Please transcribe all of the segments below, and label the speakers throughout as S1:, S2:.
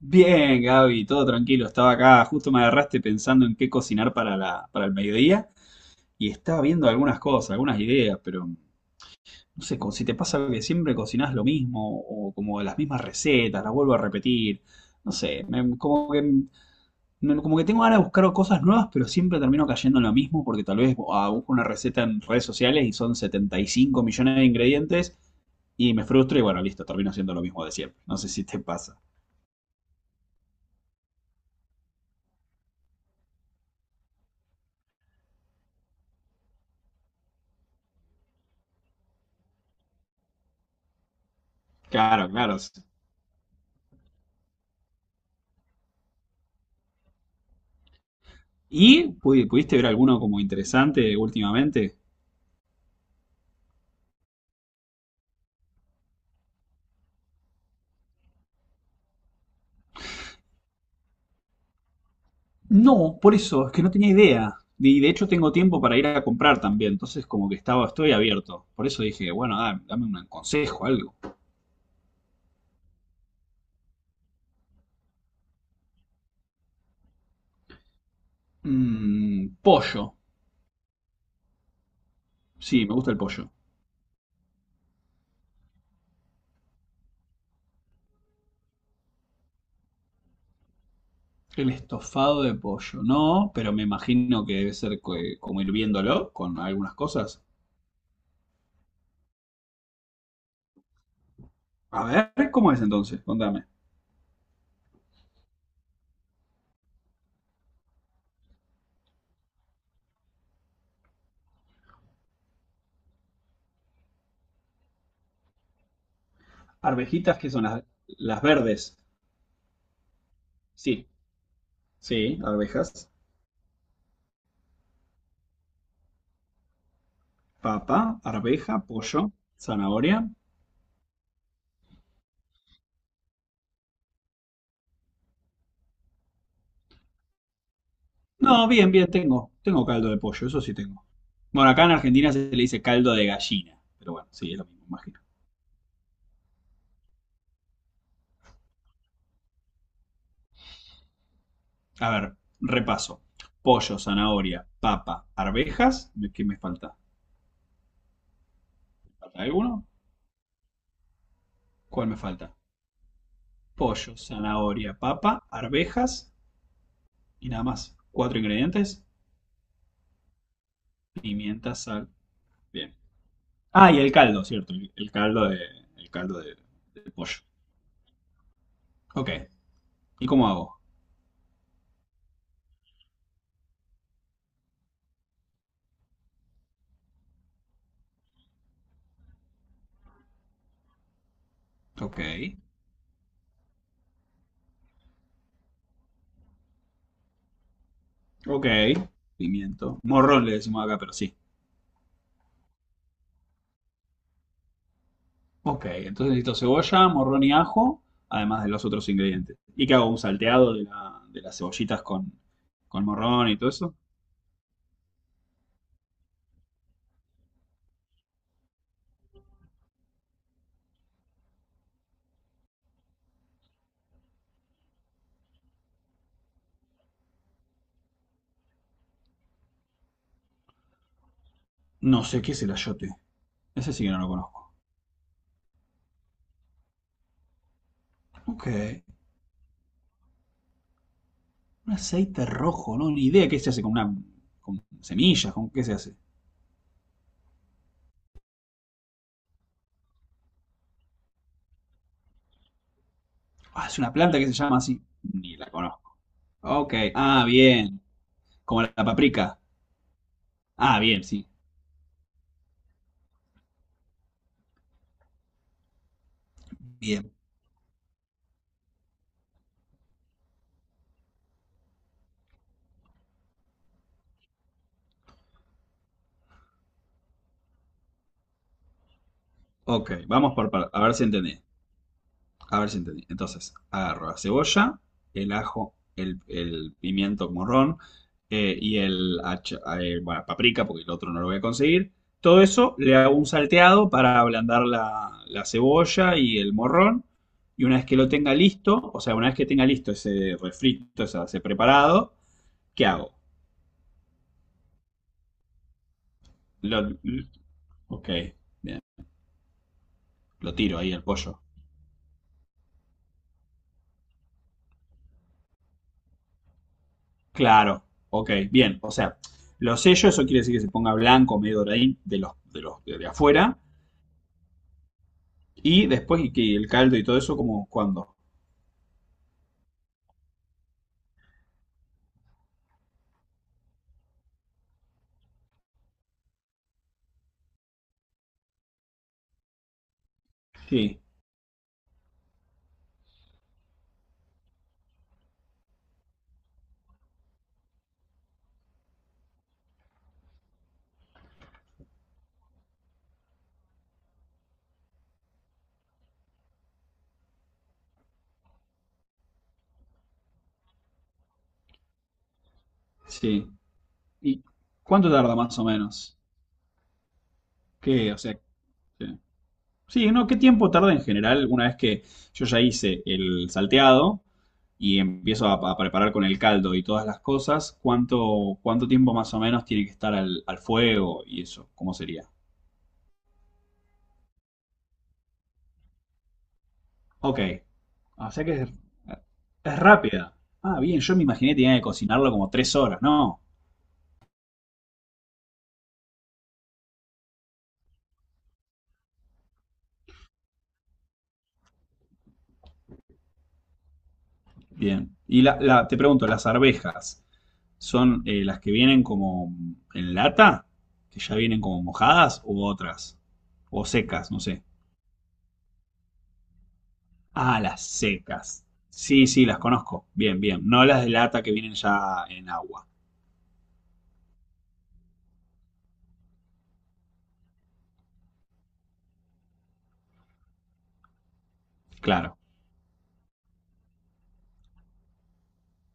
S1: Bien, Gaby, todo tranquilo. Estaba acá, justo me agarraste pensando en qué cocinar para el mediodía y estaba viendo algunas cosas, algunas ideas, pero no sé, como si te pasa que siempre cocinás lo mismo o como las mismas recetas, las vuelvo a repetir. No sé, como que tengo ganas de buscar cosas nuevas, pero siempre termino cayendo en lo mismo porque tal vez busco una receta en redes sociales y son 75 millones de ingredientes y me frustro y bueno, listo, termino haciendo lo mismo de siempre. No sé si te pasa. Claro, claro, sí. ¿Y pudiste ver alguno como interesante últimamente? No, por eso, es que no tenía idea. Y de hecho tengo tiempo para ir a comprar también, entonces como que estaba, estoy abierto. Por eso dije, bueno, dame un consejo, algo. Mm, pollo. Sí, me gusta el pollo. El estofado de pollo. No. Pero me imagino que debe ser como hirviéndolo con algunas cosas. A ver, ¿cómo es entonces? Contame. Arvejitas que son las verdes. Sí, sí, arvejas. Papa, arveja, pollo, zanahoria. No, bien, bien, tengo. Tengo caldo de pollo, eso sí tengo. Bueno, acá en Argentina se le dice caldo de gallina. Pero bueno, sí, es lo mismo, imagino. A ver, repaso. Pollo, zanahoria, papa, arvejas. ¿Qué me falta? ¿Me falta alguno? ¿Cuál me falta? Pollo, zanahoria, papa, arvejas y nada más. Cuatro ingredientes. Pimienta, sal. Bien. Ah, y el caldo, cierto. El caldo de, el caldo de pollo. Ok. ¿Y cómo hago? Ok. Ok. Pimiento. Morrón le decimos acá, pero sí. Ok, entonces necesito cebolla, morrón y ajo, además de los otros ingredientes. ¿Y qué hago? ¿Un salteado de las cebollitas con morrón y todo eso? No sé qué es el ayote. Ese sí que no lo conozco. Ok. Un aceite rojo, no, ni idea qué se hace con una con semillas, con qué se hace. Ah, es una planta que se llama así. Ni la conozco. Ok, ah, bien. Como la paprika. Ah, bien, sí. Bien. Ok, vamos a ver si entendí. A ver si entendí. Entonces, agarro la cebolla, el ajo, el pimiento morrón y el, bueno, paprika, porque el otro no lo voy a conseguir. Todo eso le hago un salteado para ablandar la cebolla y el morrón. Y una vez que lo tenga listo, o sea, una vez que tenga listo ese refrito, o sea, ese preparado, ¿qué hago? Lo, ok, bien. Lo tiro ahí al pollo. Claro, ok, bien. O sea, los sellos, eso quiere decir que se ponga blanco, medio doradín, de los, de afuera. Y después y que el caldo y todo eso, como cuándo. Sí, sí. ¿Y cuánto tarda más o menos? ¿Qué? O sea, qué- sí, ¿no? ¿Qué tiempo tarda en general una vez que yo ya hice el salteado y empiezo a preparar con el caldo y todas las cosas? Cuánto tiempo más o menos tiene que estar al fuego y eso? ¿Cómo sería? Ok. Ah, o sea que es rápida. Ah, bien, yo me imaginé que tenía que cocinarlo como 3 horas. No. Bien. Y te pregunto, ¿las arvejas son las que vienen como en lata? ¿Que ya vienen como mojadas u otras? O secas, no sé. Ah, las secas. Sí, sí, las conozco. Bien, bien. No las de lata que vienen ya en agua. Claro.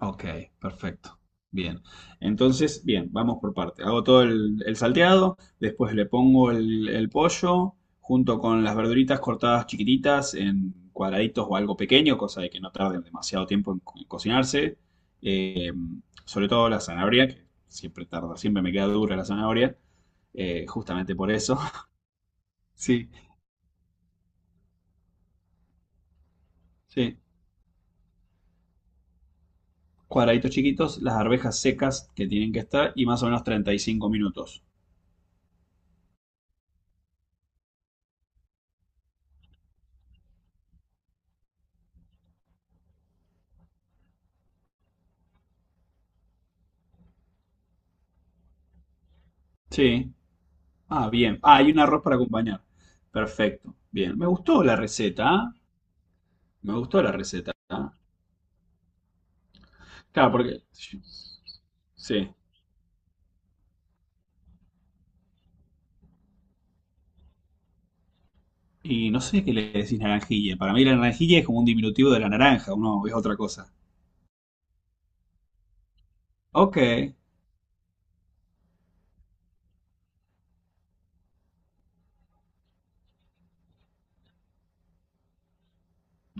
S1: Ok, perfecto. Bien. Entonces, bien, vamos por parte. Hago todo el salteado, después le pongo el pollo junto con las verduritas cortadas chiquititas en cuadraditos o algo pequeño, cosa de que no tarden demasiado tiempo en, en cocinarse. Eh, sobre todo la zanahoria, que siempre tarda, siempre me queda dura la zanahoria, justamente por eso. Sí, sí. Cuadraditos chiquitos, las arvejas secas que tienen que estar y más o menos 35 minutos. Sí. Ah, bien. Ah, hay un arroz para acompañar. Perfecto. Bien. Me gustó la receta, ¿ah? Me gustó la receta, ¿ah? Claro, porque Sí. Y no sé qué le decís naranjilla. Para mí la naranjilla es como un diminutivo de la naranja. Uno es otra cosa. Ok.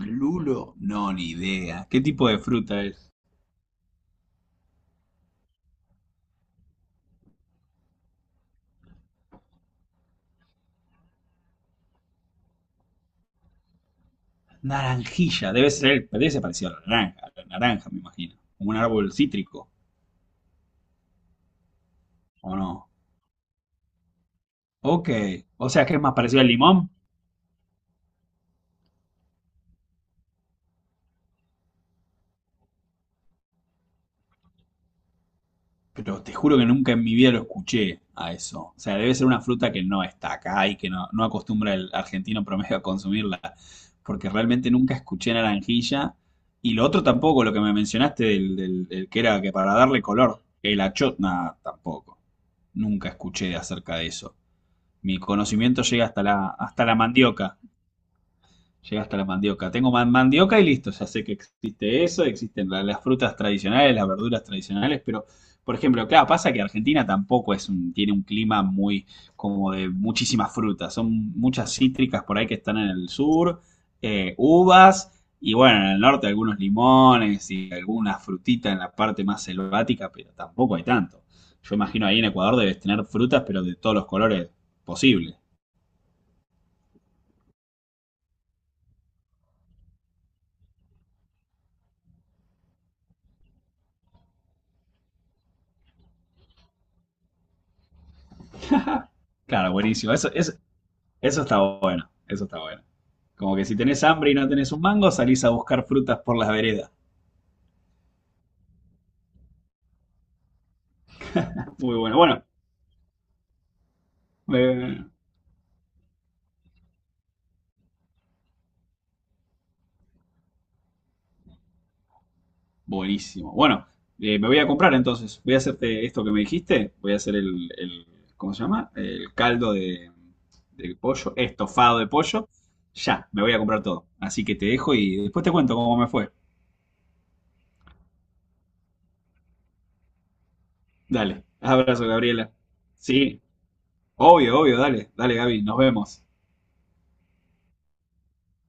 S1: Lulo, no, ni idea. ¿Qué tipo de fruta es? Naranjilla. Debe ser parecido a la naranja. A la naranja, me imagino. Como un árbol cítrico. ¿O no? Ok. ¿O sea, que es más parecido al limón? Pero te juro que nunca en mi vida lo escuché a eso. O sea, debe ser una fruta que no está acá y que no, no acostumbra el argentino promedio a consumirla. Porque realmente nunca escuché naranjilla. Y lo otro tampoco, lo que me mencionaste del que era que para darle color, el achotna tampoco. Nunca escuché acerca de eso. Mi conocimiento llega hasta hasta la mandioca. Llega hasta la mandioca. Tengo mandioca y listo, ya sé que existe eso, existen las frutas tradicionales, las verduras tradicionales, pero, por ejemplo, claro, pasa que Argentina tampoco tiene un clima muy como de muchísimas frutas. Son muchas cítricas por ahí que están en el sur, uvas, y bueno, en el norte algunos limones y alguna frutita en la parte más selvática, pero tampoco hay tanto. Yo imagino ahí en Ecuador debes tener frutas, pero de todos los colores posibles. Claro, buenísimo. Eso, es eso está bueno, eso está bueno. Como que si tenés hambre y no tenés un mango, salís a buscar frutas por las veredas. Muy bueno, bueno, eh, buenísimo. Bueno, me voy a comprar entonces. Voy a hacerte esto que me dijiste. Voy a hacer ¿cómo se llama? El caldo de pollo, estofado de pollo. Ya, me voy a comprar todo. Así que te dejo y después te cuento cómo me fue. Dale, abrazo, Gabriela. Sí, obvio, obvio, dale, dale, Gaby, nos vemos.